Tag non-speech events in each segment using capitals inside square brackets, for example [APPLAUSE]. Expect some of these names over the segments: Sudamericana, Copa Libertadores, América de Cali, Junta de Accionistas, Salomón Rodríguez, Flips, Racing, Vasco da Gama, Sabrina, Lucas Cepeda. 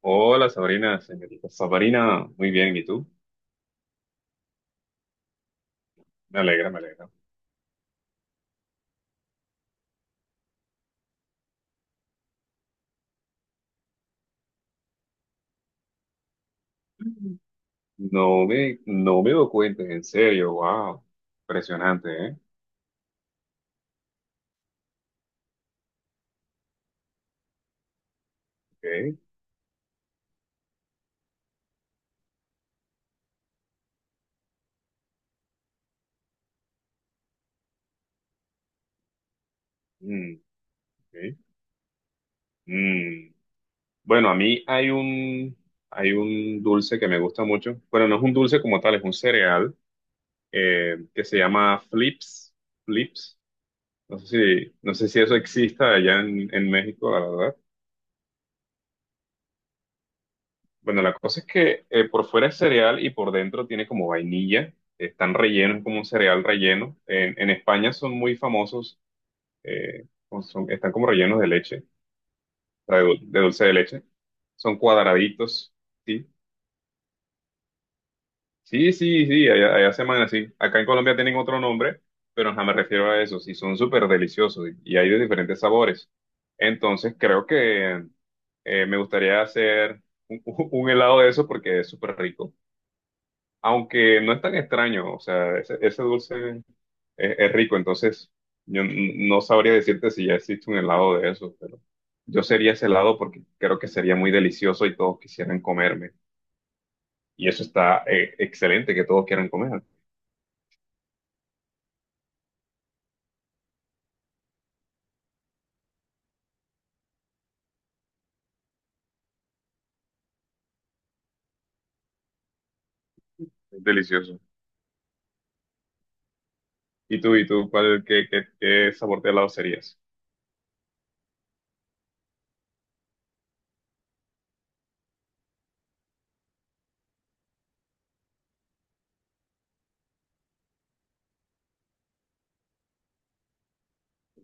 Hola Sabrina, señorita Sabrina, muy bien, ¿y tú? Me alegra, me alegra. No me doy cuenta, en serio, wow, impresionante, ¿eh? Ok, mm, ok, mm. Bueno, a mí hay un dulce que me gusta mucho, bueno, no es un dulce como tal, es un cereal que se llama Flips, Flips, no sé si, no sé si eso exista allá en México, la verdad. Bueno, la cosa es que por fuera es cereal y por dentro tiene como vainilla. Están rellenos, como un cereal relleno. En España son muy famosos, o están como rellenos de leche, o sea, de dulce de leche. Son cuadraditos, ¿sí? Sí, sí, sí, allá, allá se llaman así. Acá en Colombia tienen otro nombre, pero ajá, me refiero a eso. Sí, son súper deliciosos y hay de diferentes sabores. Entonces creo que me gustaría hacer un, [LAUGHS] un helado de eso porque es súper rico. Aunque no es tan extraño, o sea, ese dulce es rico, entonces yo no sabría decirte si ya existe un helado de eso, pero yo sería ese helado porque creo que sería muy delicioso y todos quisieran comerme. Y eso está excelente, que todos quieran comer. Es delicioso. ¿Y tú, cuál, qué sabor de helado serías?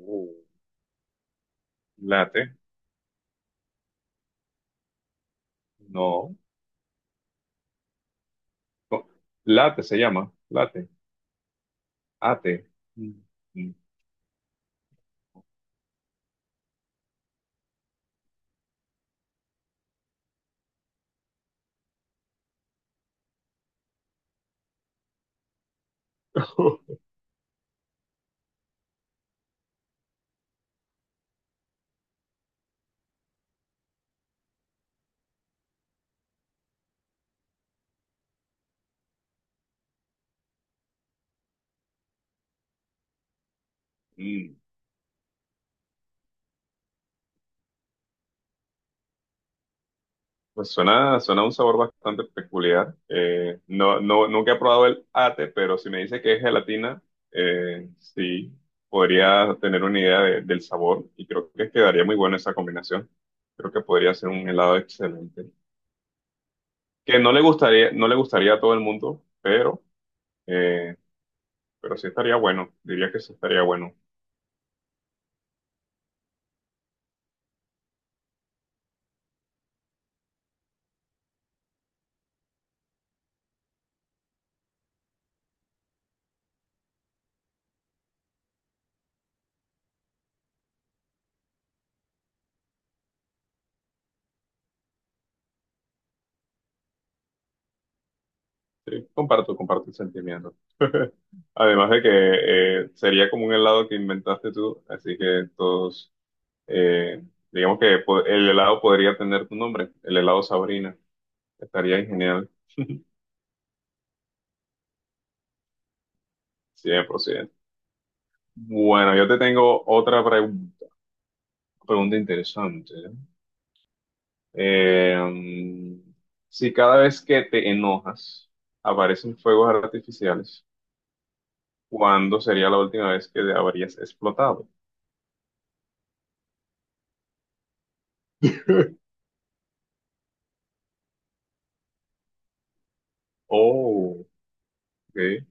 Uh, latte. No. Co- Latte se llama Latte. Ate. Mm. Mm. [LAUGHS] Mm. Pues suena un sabor bastante peculiar. No, no, nunca he probado el ate, pero si me dice que es gelatina, sí, podría tener una idea del sabor y creo que quedaría muy buena esa combinación. Creo que podría ser un helado excelente. Que no le gustaría a todo el mundo, eh, pero sí estaría bueno. Diría que sí estaría bueno. Sí, comparto el sentimiento. Además de que sería como un helado que inventaste tú, así que todos. Eh, digamos que el helado podría tener tu nombre, el helado Sabrina. Estaría genial, 100%. Bueno, yo te tengo otra pregunta interesante. Eh, mm, si cada vez que te enojas aparecen fuegos artificiales, ¿cuándo sería la última vez que habrías explotado? Oh, ok.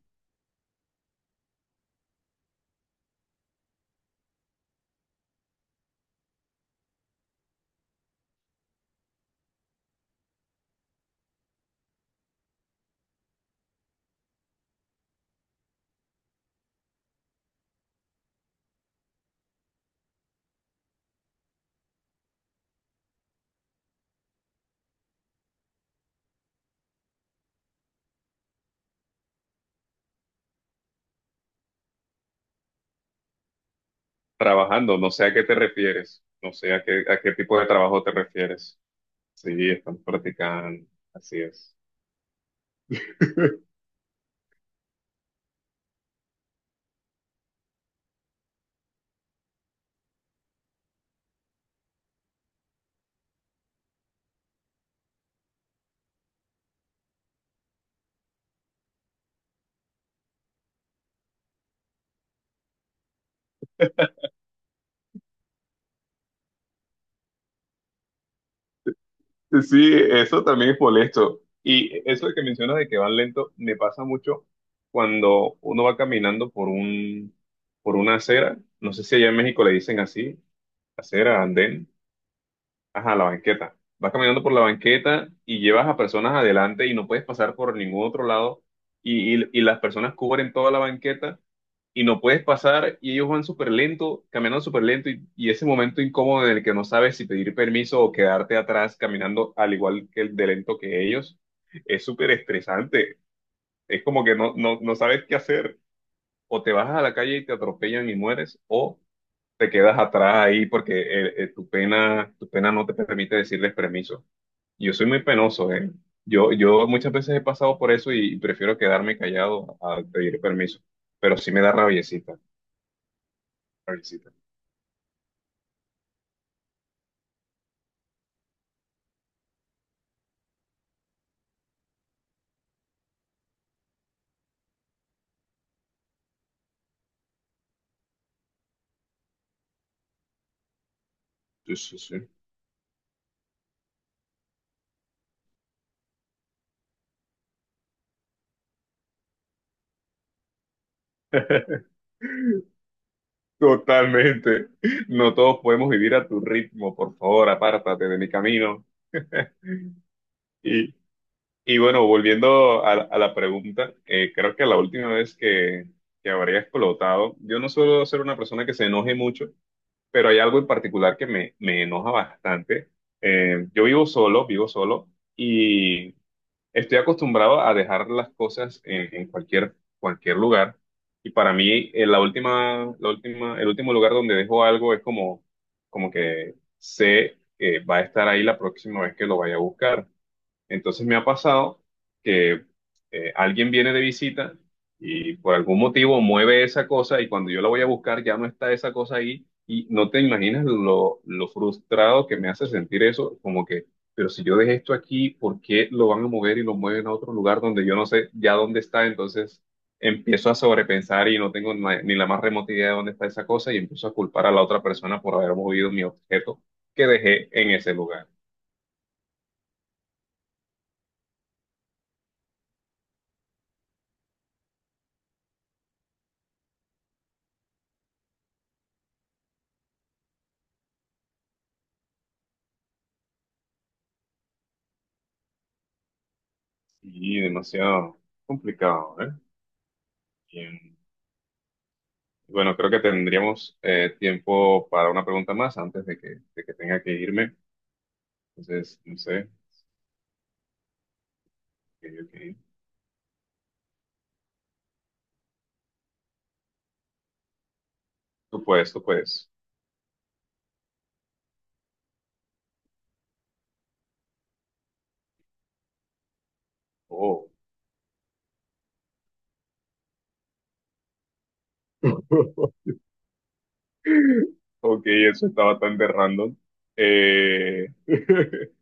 Trabajando, no sé a qué te refieres, no sé a qué tipo de trabajo te refieres. Sí, estamos practicando, así es. Sí, eso también es molesto. Y eso de que mencionas de que van lento, me pasa mucho cuando uno va caminando por una acera. No sé si allá en México le dicen así, acera, andén. Ajá, la banqueta. Vas caminando por la banqueta y llevas a personas adelante y no puedes pasar por ningún otro lado y las personas cubren toda la banqueta y no puedes pasar y ellos van súper lento, caminando súper lento y ese momento incómodo en el que no sabes si pedir permiso o quedarte atrás caminando al igual que el de lento que ellos, es súper estresante. Es como que no, no, no sabes qué hacer. O te bajas a la calle y te atropellan y mueres o te quedas atrás ahí porque tu pena no te permite decirles permiso. Yo soy muy penoso, ¿eh? Yo muchas veces he pasado por eso y, prefiero quedarme callado a pedir permiso, pero sí me da rabiecita, rabiecita. Sí, sí, sí. Totalmente. No todos podemos vivir a tu ritmo, por favor, apártate de mi camino. Y, y bueno, volviendo a la pregunta, creo que la última vez que habría explotado, yo no suelo ser una persona que se enoje mucho, pero hay algo en particular que me enoja bastante. Yo vivo solo, y estoy acostumbrado a dejar las cosas en cualquier lugar. Y para mí, el último lugar donde dejo algo es como, como que sé que va a estar ahí la próxima vez que lo vaya a buscar. Entonces me ha pasado que alguien viene de visita y por algún motivo mueve esa cosa y cuando yo la voy a buscar ya no está esa cosa ahí y no te imaginas lo frustrado que me hace sentir eso, como que, pero si yo dejé esto aquí, ¿por qué lo van a mover y lo mueven a otro lugar donde yo no sé ya dónde está? Entonces empiezo a sobrepensar y no tengo ni la más remota idea de dónde está esa cosa y empiezo a culpar a la otra persona por haber movido mi objeto que dejé en ese lugar. Y demasiado complicado, ¿eh? Bien. Bueno, creo que tendríamos tiempo para una pregunta más antes de que tenga que irme. Entonces, no sé. Ok, ok. Tú puedes, tú puedes. Oh, [LAUGHS] ok, eso estaba tan de random. Eh, [LAUGHS]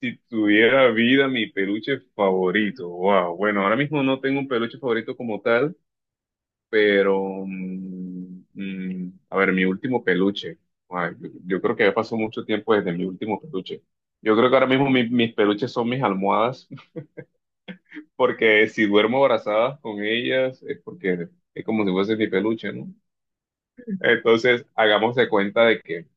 si tuviera vida, mi peluche favorito. Wow. Bueno, ahora mismo no tengo un peluche favorito como tal. Pero, a ver, mi último peluche. Ay, yo creo que ya pasó mucho tiempo desde mi último peluche. Yo creo que ahora mismo mis peluches son mis almohadas, [LAUGHS] porque si duermo abrazadas con ellas es porque es como si fuese mi peluche, ¿no? Entonces, hagamos de cuenta de que,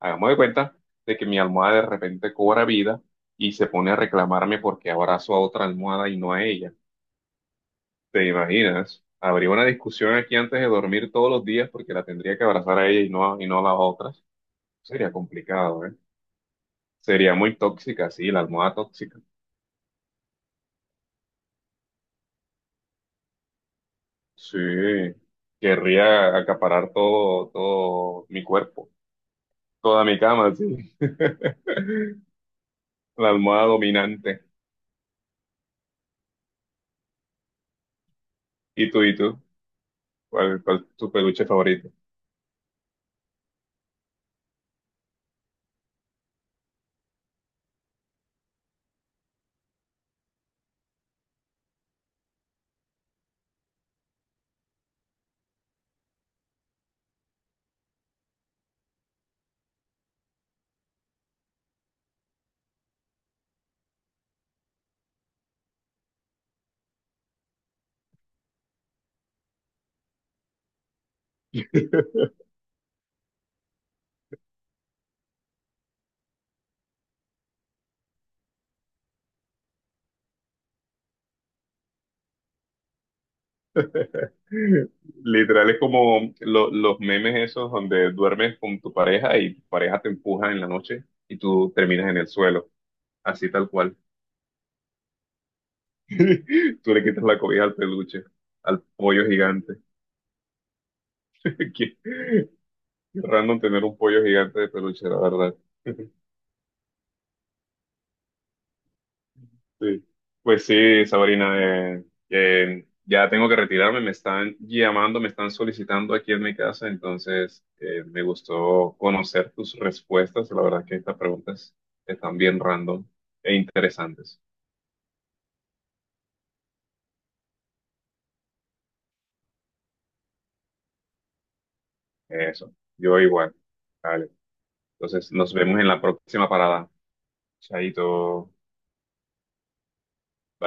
hagamos de cuenta mi almohada de repente cobra vida y se pone a reclamarme porque abrazo a otra almohada y no a ella. ¿Te imaginas? Habría una discusión aquí antes de dormir todos los días porque la tendría que abrazar a ella y no a las otras. Sería complicado, ¿eh? Sería muy tóxica, sí, la almohada tóxica. Sí, querría acaparar todo, todo mi cuerpo, toda mi cama, sí. [LAUGHS] La almohada dominante. ¿Y tú? ¿Cuál es tu peluche favorito? Literal es como los memes esos donde duermes con tu pareja y tu pareja te empuja en la noche y tú terminas en el suelo, así tal cual. [LAUGHS] Tú le quitas la cobija al peluche, al pollo gigante. [LAUGHS] Qué, qué random tener un pollo gigante de peluche, la verdad. Sí. Pues sí, Sabrina, eh, ya tengo que retirarme, me están llamando, me están solicitando aquí en mi casa, entonces me gustó conocer tus respuestas, la verdad que estas preguntas están bien random e interesantes. Eso, yo igual. Vale, entonces nos vemos en la próxima parada. Chaito.